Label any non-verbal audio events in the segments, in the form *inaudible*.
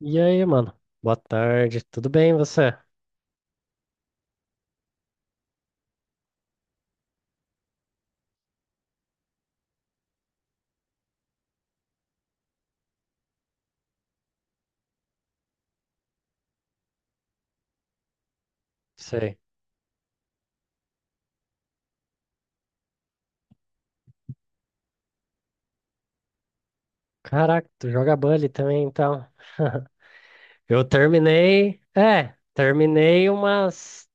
E aí, mano? Boa tarde, tudo bem você? Sei. Caraca, tu joga Bully também então. *laughs* Eu terminei, terminei umas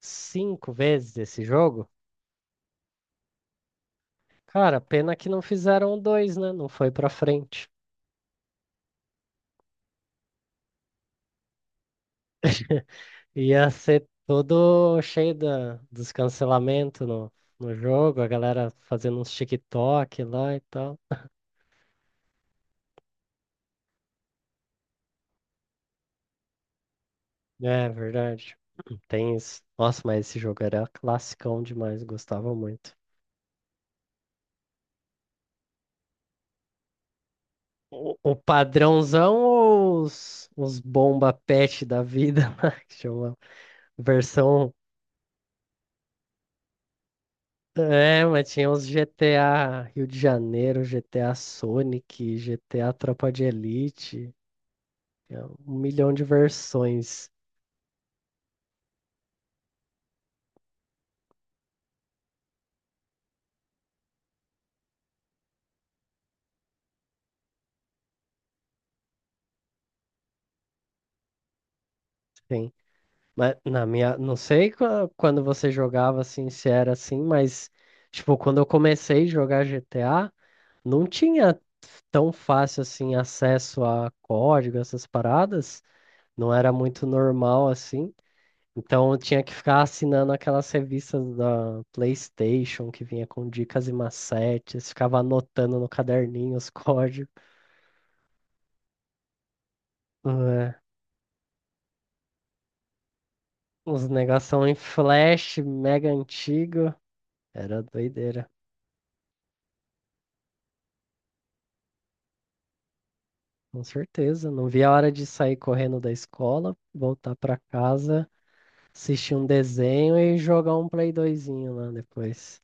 cinco vezes esse jogo. Cara, pena que não fizeram dois, né? Não foi pra frente. *laughs* Ia ser todo cheio dos cancelamentos no jogo, a galera fazendo uns TikTok lá e tal. É, verdade. Tem isso. Nossa, mas esse jogo era classicão demais, gostava muito. O padrãozão ou os bomba pet da vida, *laughs* lá, que chama versão. É, mas tinha os GTA Rio de Janeiro, GTA Sonic, GTA Tropa de Elite, é um milhão de versões, sim. Mas na minha, não sei quando você jogava assim, se era assim, mas tipo, quando eu comecei a jogar GTA, não tinha tão fácil assim acesso a código, essas paradas. Não era muito normal assim. Então eu tinha que ficar assinando aquelas revistas da PlayStation que vinha com dicas e macetes, ficava anotando no caderninho os *laughs* códigos. É, uns negação em flash, mega antigo. Era doideira, com certeza. Não via a hora de sair correndo da escola, voltar pra casa, assistir um desenho e jogar um Play doisinho lá depois.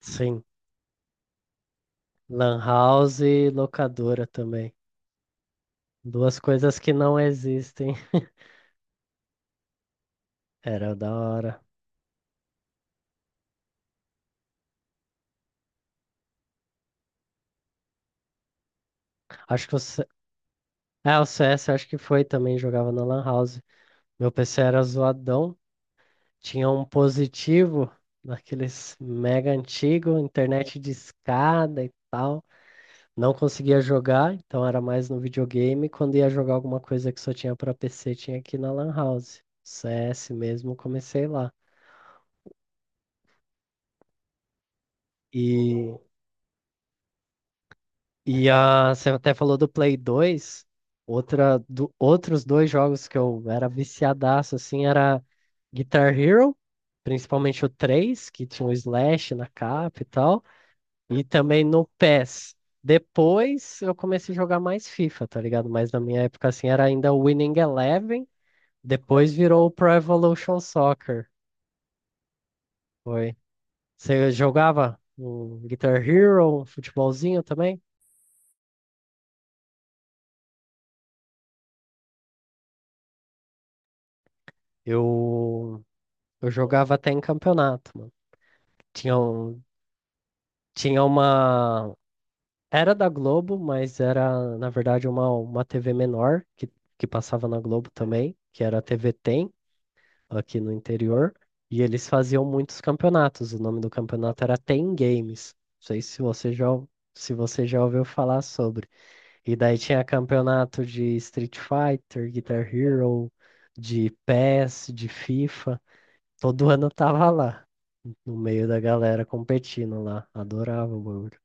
Sim, Lan House e locadora também. Duas coisas que não existem. *laughs* Era da hora. Acho que o C... É, o CS acho que foi também, jogava na Lan House. Meu PC era zoadão, tinha um positivo, daqueles mega antigo, internet de escada e tal. Não conseguia jogar, então era mais no videogame. Quando ia jogar alguma coisa que só tinha pra PC, tinha aqui na Lan House. CS mesmo, comecei lá. E você até falou do Play 2 outros dois jogos que eu era viciadaço, assim, era Guitar Hero, principalmente o 3 que tinha o Slash na capa e tal, e também no PES. Depois eu comecei a jogar mais FIFA, tá ligado? Mas na minha época, assim, era ainda o Winning Eleven, depois virou o Pro Evolution Soccer, foi. Você jogava um Guitar Hero, um futebolzinho também? Eu... Eu jogava até em campeonato, mano. Tinha, um, tinha uma. Era da Globo, mas era, na verdade, uma TV menor que passava na Globo também, que era a TV Tem, aqui no interior. E eles faziam muitos campeonatos. O nome do campeonato era Tem Games. Não sei se você já, ou- se você já ouviu falar sobre. E daí tinha campeonato de Street Fighter, Guitar Hero, de PES, de FIFA. Todo ano eu tava lá, no meio da galera competindo lá. Adorava o bagulho.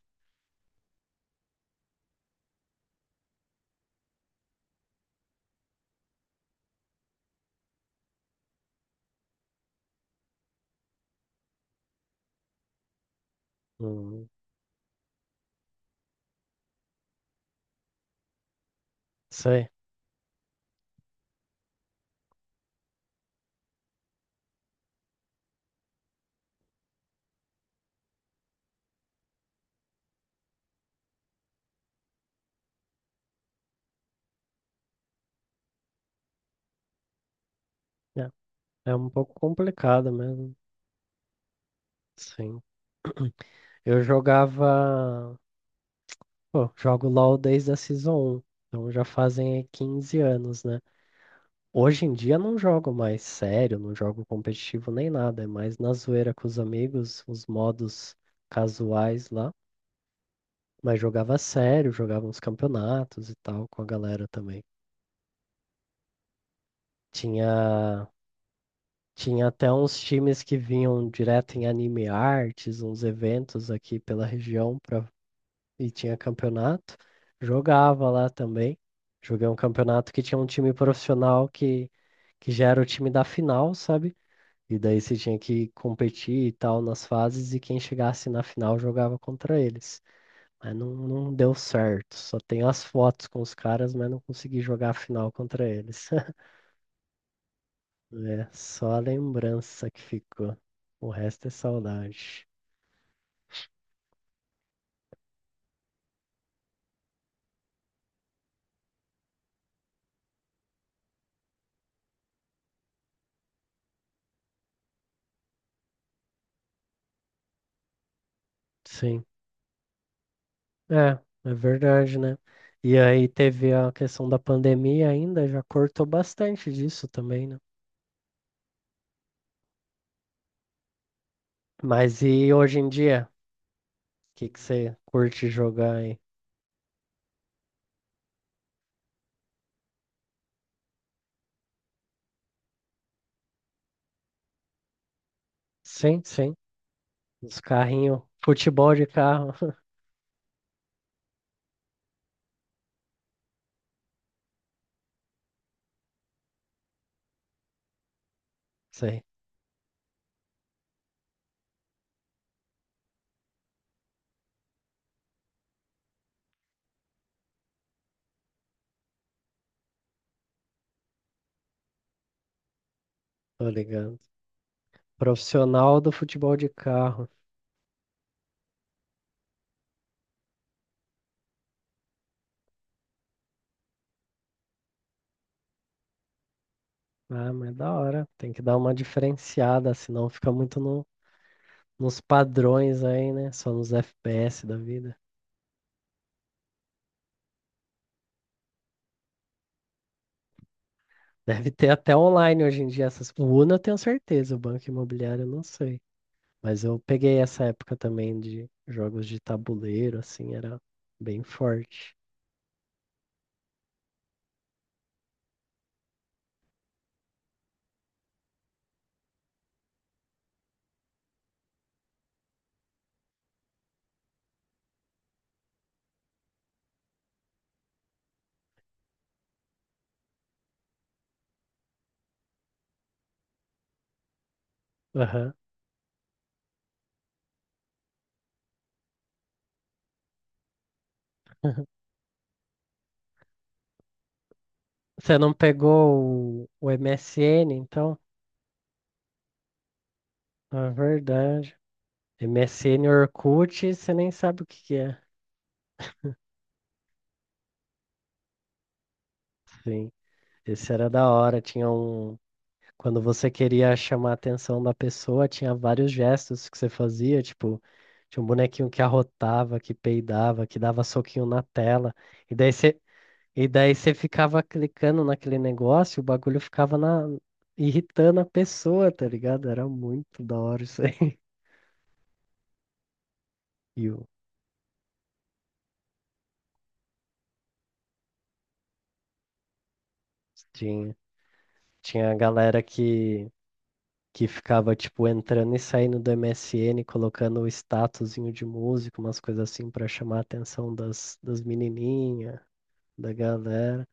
Hum, sei. É, é um pouco complicado mesmo. Sim. Eu jogava. Pô, jogo LOL desde a Season um. Então já fazem aí 15 anos, né? Hoje em dia não jogo mais sério, não jogo competitivo nem nada. É mais na zoeira com os amigos, os modos casuais lá. Mas jogava sério, jogava uns campeonatos e tal com a galera também. Tinha Tinha até uns times que vinham direto em Anime Artes, uns eventos aqui pela região pra... e tinha campeonato. Jogava lá também. Joguei um campeonato que tinha um time profissional que já era o time da final, sabe? E daí você tinha que competir e tal nas fases e quem chegasse na final jogava contra eles. Mas não deu certo. Só tenho as fotos com os caras, mas não consegui jogar a final contra eles. É só a lembrança que ficou. O resto é saudade. Sim, é, é verdade, né? E aí teve a questão da pandemia ainda, já cortou bastante disso também, né? Mas e hoje em dia? O que que você curte jogar aí? Sim, sim. Os carrinhos, futebol de carro. *laughs* Sei, tô ligando. Profissional do futebol de carro. Ah, mas da hora. Tem que dar uma diferenciada, senão fica muito no nos padrões aí, né? Só nos FPS da vida. *laughs* Deve ter até online hoje em dia essas. O Uno eu tenho certeza, o Banco Imobiliário eu não sei. Mas eu peguei essa época também de jogos de tabuleiro, assim, era bem forte. Aham. *laughs* Você não pegou o MSN, então? Na verdade. MSN Orkut, você nem sabe o que que é. Sim. Esse era da hora. Quando você queria chamar a atenção da pessoa, tinha vários gestos que você fazia, tipo, tinha um bonequinho que arrotava, que peidava, que dava soquinho na tela. E daí você, e daí você ficava clicando naquele negócio, o bagulho ficava irritando a pessoa, tá ligado? Era muito da hora isso aí. *laughs* E o- Tinha, tinha a galera que ficava, tipo, entrando e saindo do MSN, colocando o statusinho de música, umas coisas assim, pra chamar a atenção das menininhas da galera.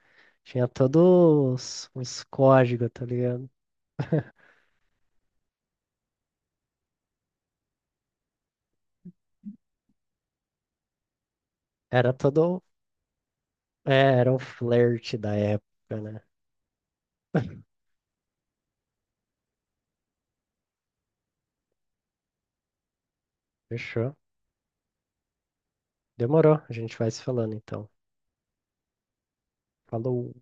Tinha todos uns códigos, tá ligado? Era todo. É, era o flerte da época, né? Fechou? Demorou. A gente vai se falando então. Falou.